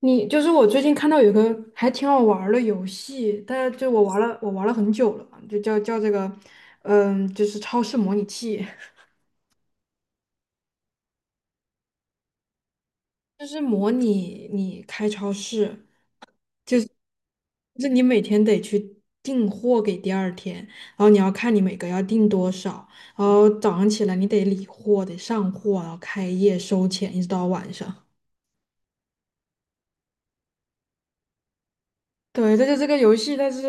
你就是我最近看到有个还挺好玩儿的游戏，但就我玩了，很久了，就叫这个，就是超市模拟器。就是模拟你开超市，就是就是你每天得去订货给第二天，然后你要看你每个要订多少，然后早上起来你得理货，得上货，然后开业收钱，一直到晚上。对，这就这个游戏，但是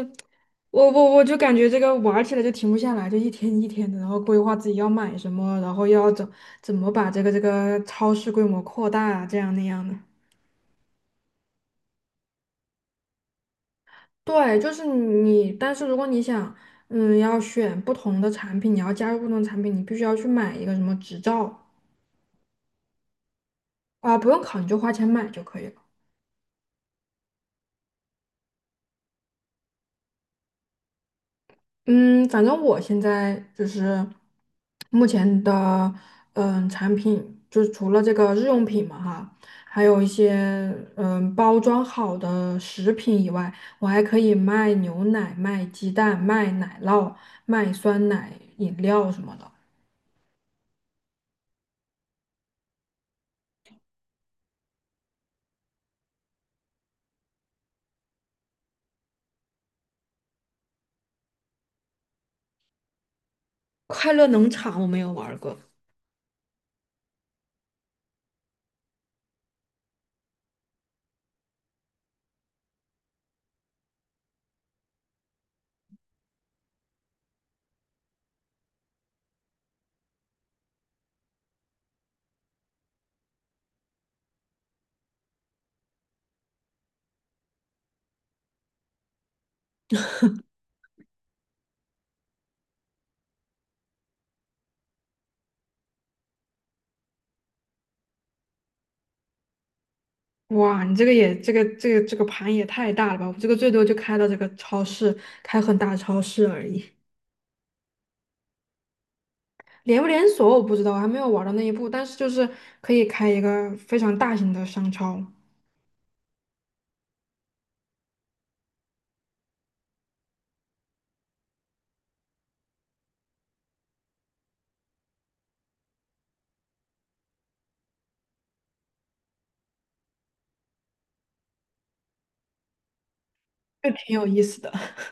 我就感觉这个玩儿起来就停不下来，就一天一天的，然后规划自己要买什么，然后怎么把这个超市规模扩大啊，这样那样的。对，就是你，但是如果你想，要选不同的产品，你要加入不同的产品，你必须要去买一个什么执照。啊，不用考，你就花钱买就可以了。嗯，反正我现在就是目前的产品，就是除了这个日用品嘛哈，还有一些包装好的食品以外，我还可以卖牛奶、卖鸡蛋、卖奶酪、卖酸奶饮料什么的。快乐农场我没有玩儿过。哇，你这个也这个盘也太大了吧！我这个最多就开到这个超市，开很大的超市而已。连不连锁我不知道，我还没有玩到那一步，但是就是可以开一个非常大型的商超，就挺有意思的。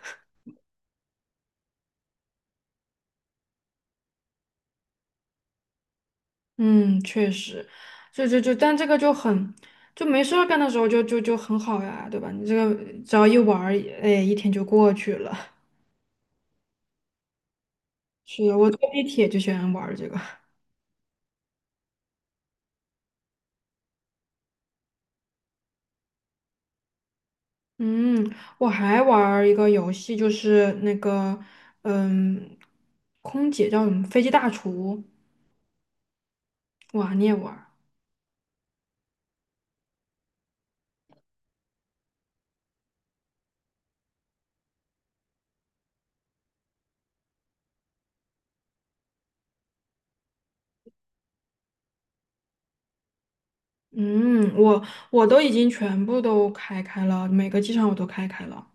嗯，确实，就，但这个就很，就没事儿干的时候就很好呀，对吧？你这个只要一玩儿，哎，一天就过去了。是的，我坐地铁就喜欢玩儿这个。嗯，我还玩儿一个游戏，就是那个，嗯，空姐叫什么？飞机大厨。哇，你也玩儿？嗯，我我都已经全部都开开了，每个机场我都开开了。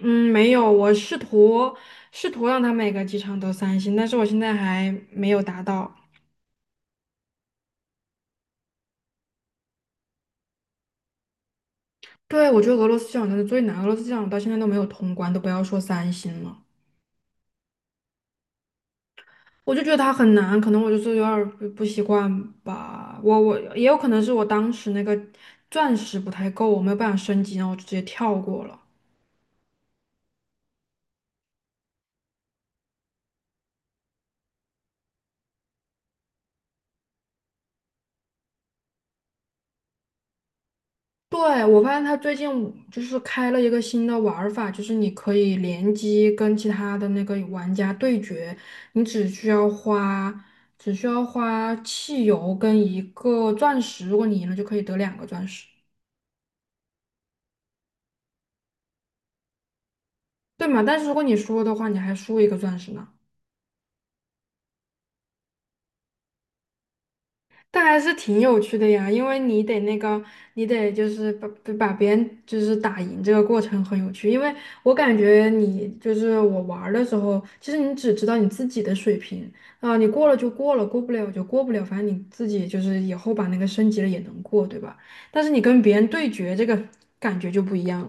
嗯，没有，我试图试图让它每个机场都三星，但是我现在还没有达到。对，我觉得俄罗斯机场真的最难，俄罗斯机场我到现在都没有通关，都不要说三星了。我就觉得它很难，可能我就是有点儿不习惯吧。我也有可能是我当时那个钻石不太够，我没有办法升级，然后我就直接跳过了。对，我发现他最近就是开了一个新的玩儿法，就是你可以联机跟其他的那个玩家对决，你只需要花只需要花汽油跟一个钻石，如果你赢了就可以得两个钻石，对嘛？但是如果你输了的话，你还输一个钻石呢。但还是挺有趣的呀，因为你得那个，你得就是把别人就是打赢这个过程很有趣，因为我感觉你就是我玩儿的时候，其实你只知道你自己的水平，啊、你过了就过了，过不了就过不了，反正你自己就是以后把那个升级了也能过，对吧？但是你跟别人对决，这个感觉就不一样了。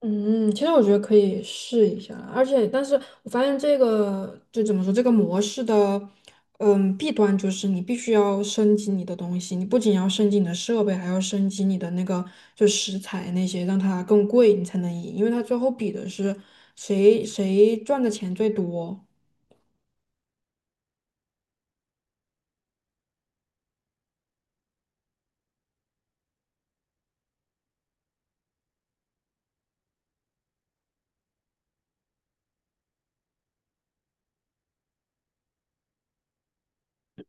嗯，其实我觉得可以试一下，而且，但是我发现这个就怎么说，这个模式的，嗯，弊端就是你必须要升级你的东西，你不仅要升级你的设备，还要升级你的那个就食材那些，让它更贵，你才能赢，因为它最后比的是谁赚的钱最多。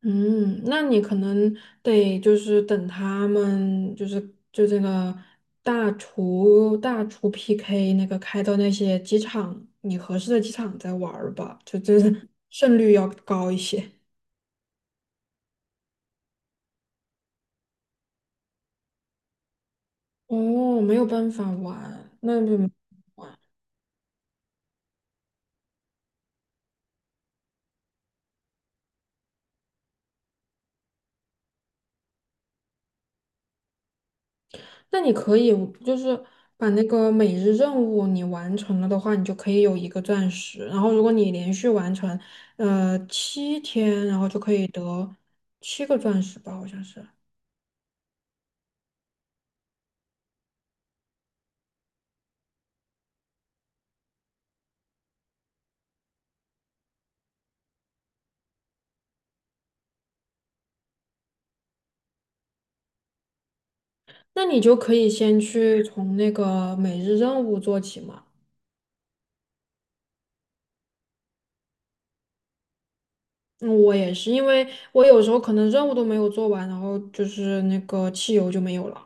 嗯，那你可能得就是等他们就是就这个大厨 PK 那个开到那些机场，你合适的机场再玩儿吧，就就是 胜率要高一些。哦，没有办法玩，那就那你可以就是把那个每日任务你完成了的话，你就可以有一个钻石。然后如果你连续完成七天，然后就可以得七个钻石吧，好像是。那你就可以先去从那个每日任务做起嘛。嗯，我也是，因为我有时候可能任务都没有做完，然后就是那个汽油就没有了。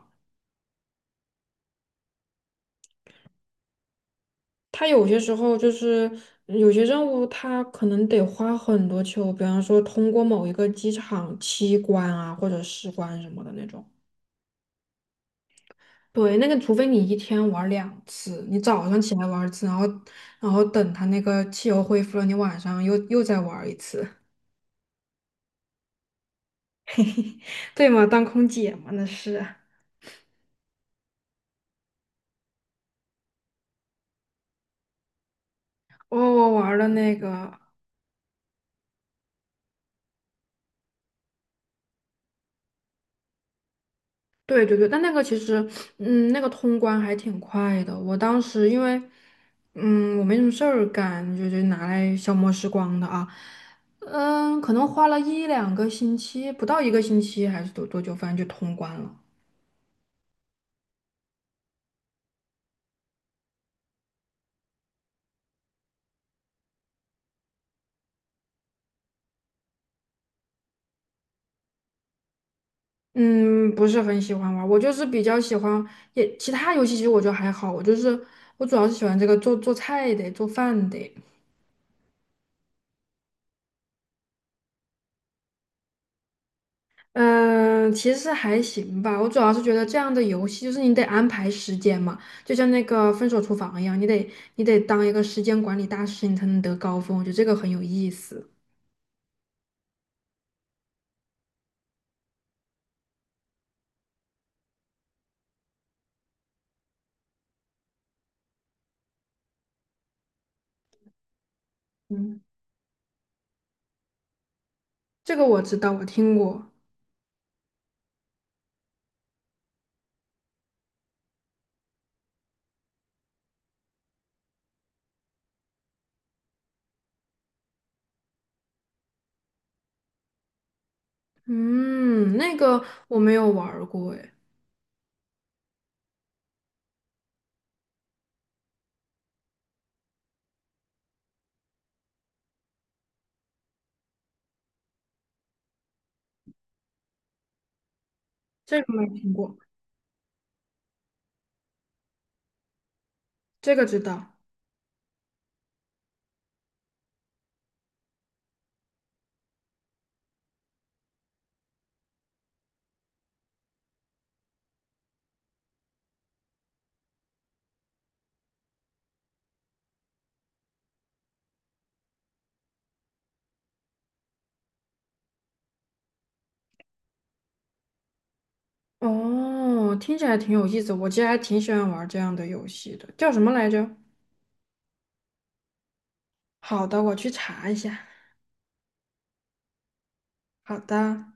它有些时候就是有些任务，它可能得花很多汽油，比方说通过某一个机场七关啊，或者十关什么的那种。对，那个除非你一天玩两次，你早上起来玩一次，然后然后等它那个汽油恢复了，你晚上又再玩一次。对吗？当空姐嘛，那是。我玩了那个，对对对，但那个其实，嗯，那个通关还挺快的。我当时因为，嗯，我没什么事儿干，就拿来消磨时光的啊。嗯，可能花了一两个星期，不到一个星期还是多久，反正就通关了。嗯，不是很喜欢玩儿，我就是比较喜欢，也其他游戏其实我觉得还好，我就是我主要是喜欢这个做菜的，做饭的。嗯，其实还行吧。我主要是觉得这样的游戏，就是你得安排时间嘛，就像那个《分手厨房》一样，你得当一个时间管理大师，你才能得高分。我觉得这个很有意思。嗯，这个我知道，我听过。嗯，那个我没有玩儿过，哎，这个没听过，这个知道。哦，听起来挺有意思，我其实还挺喜欢玩这样的游戏的，叫什么来着？好的，我去查一下。好的。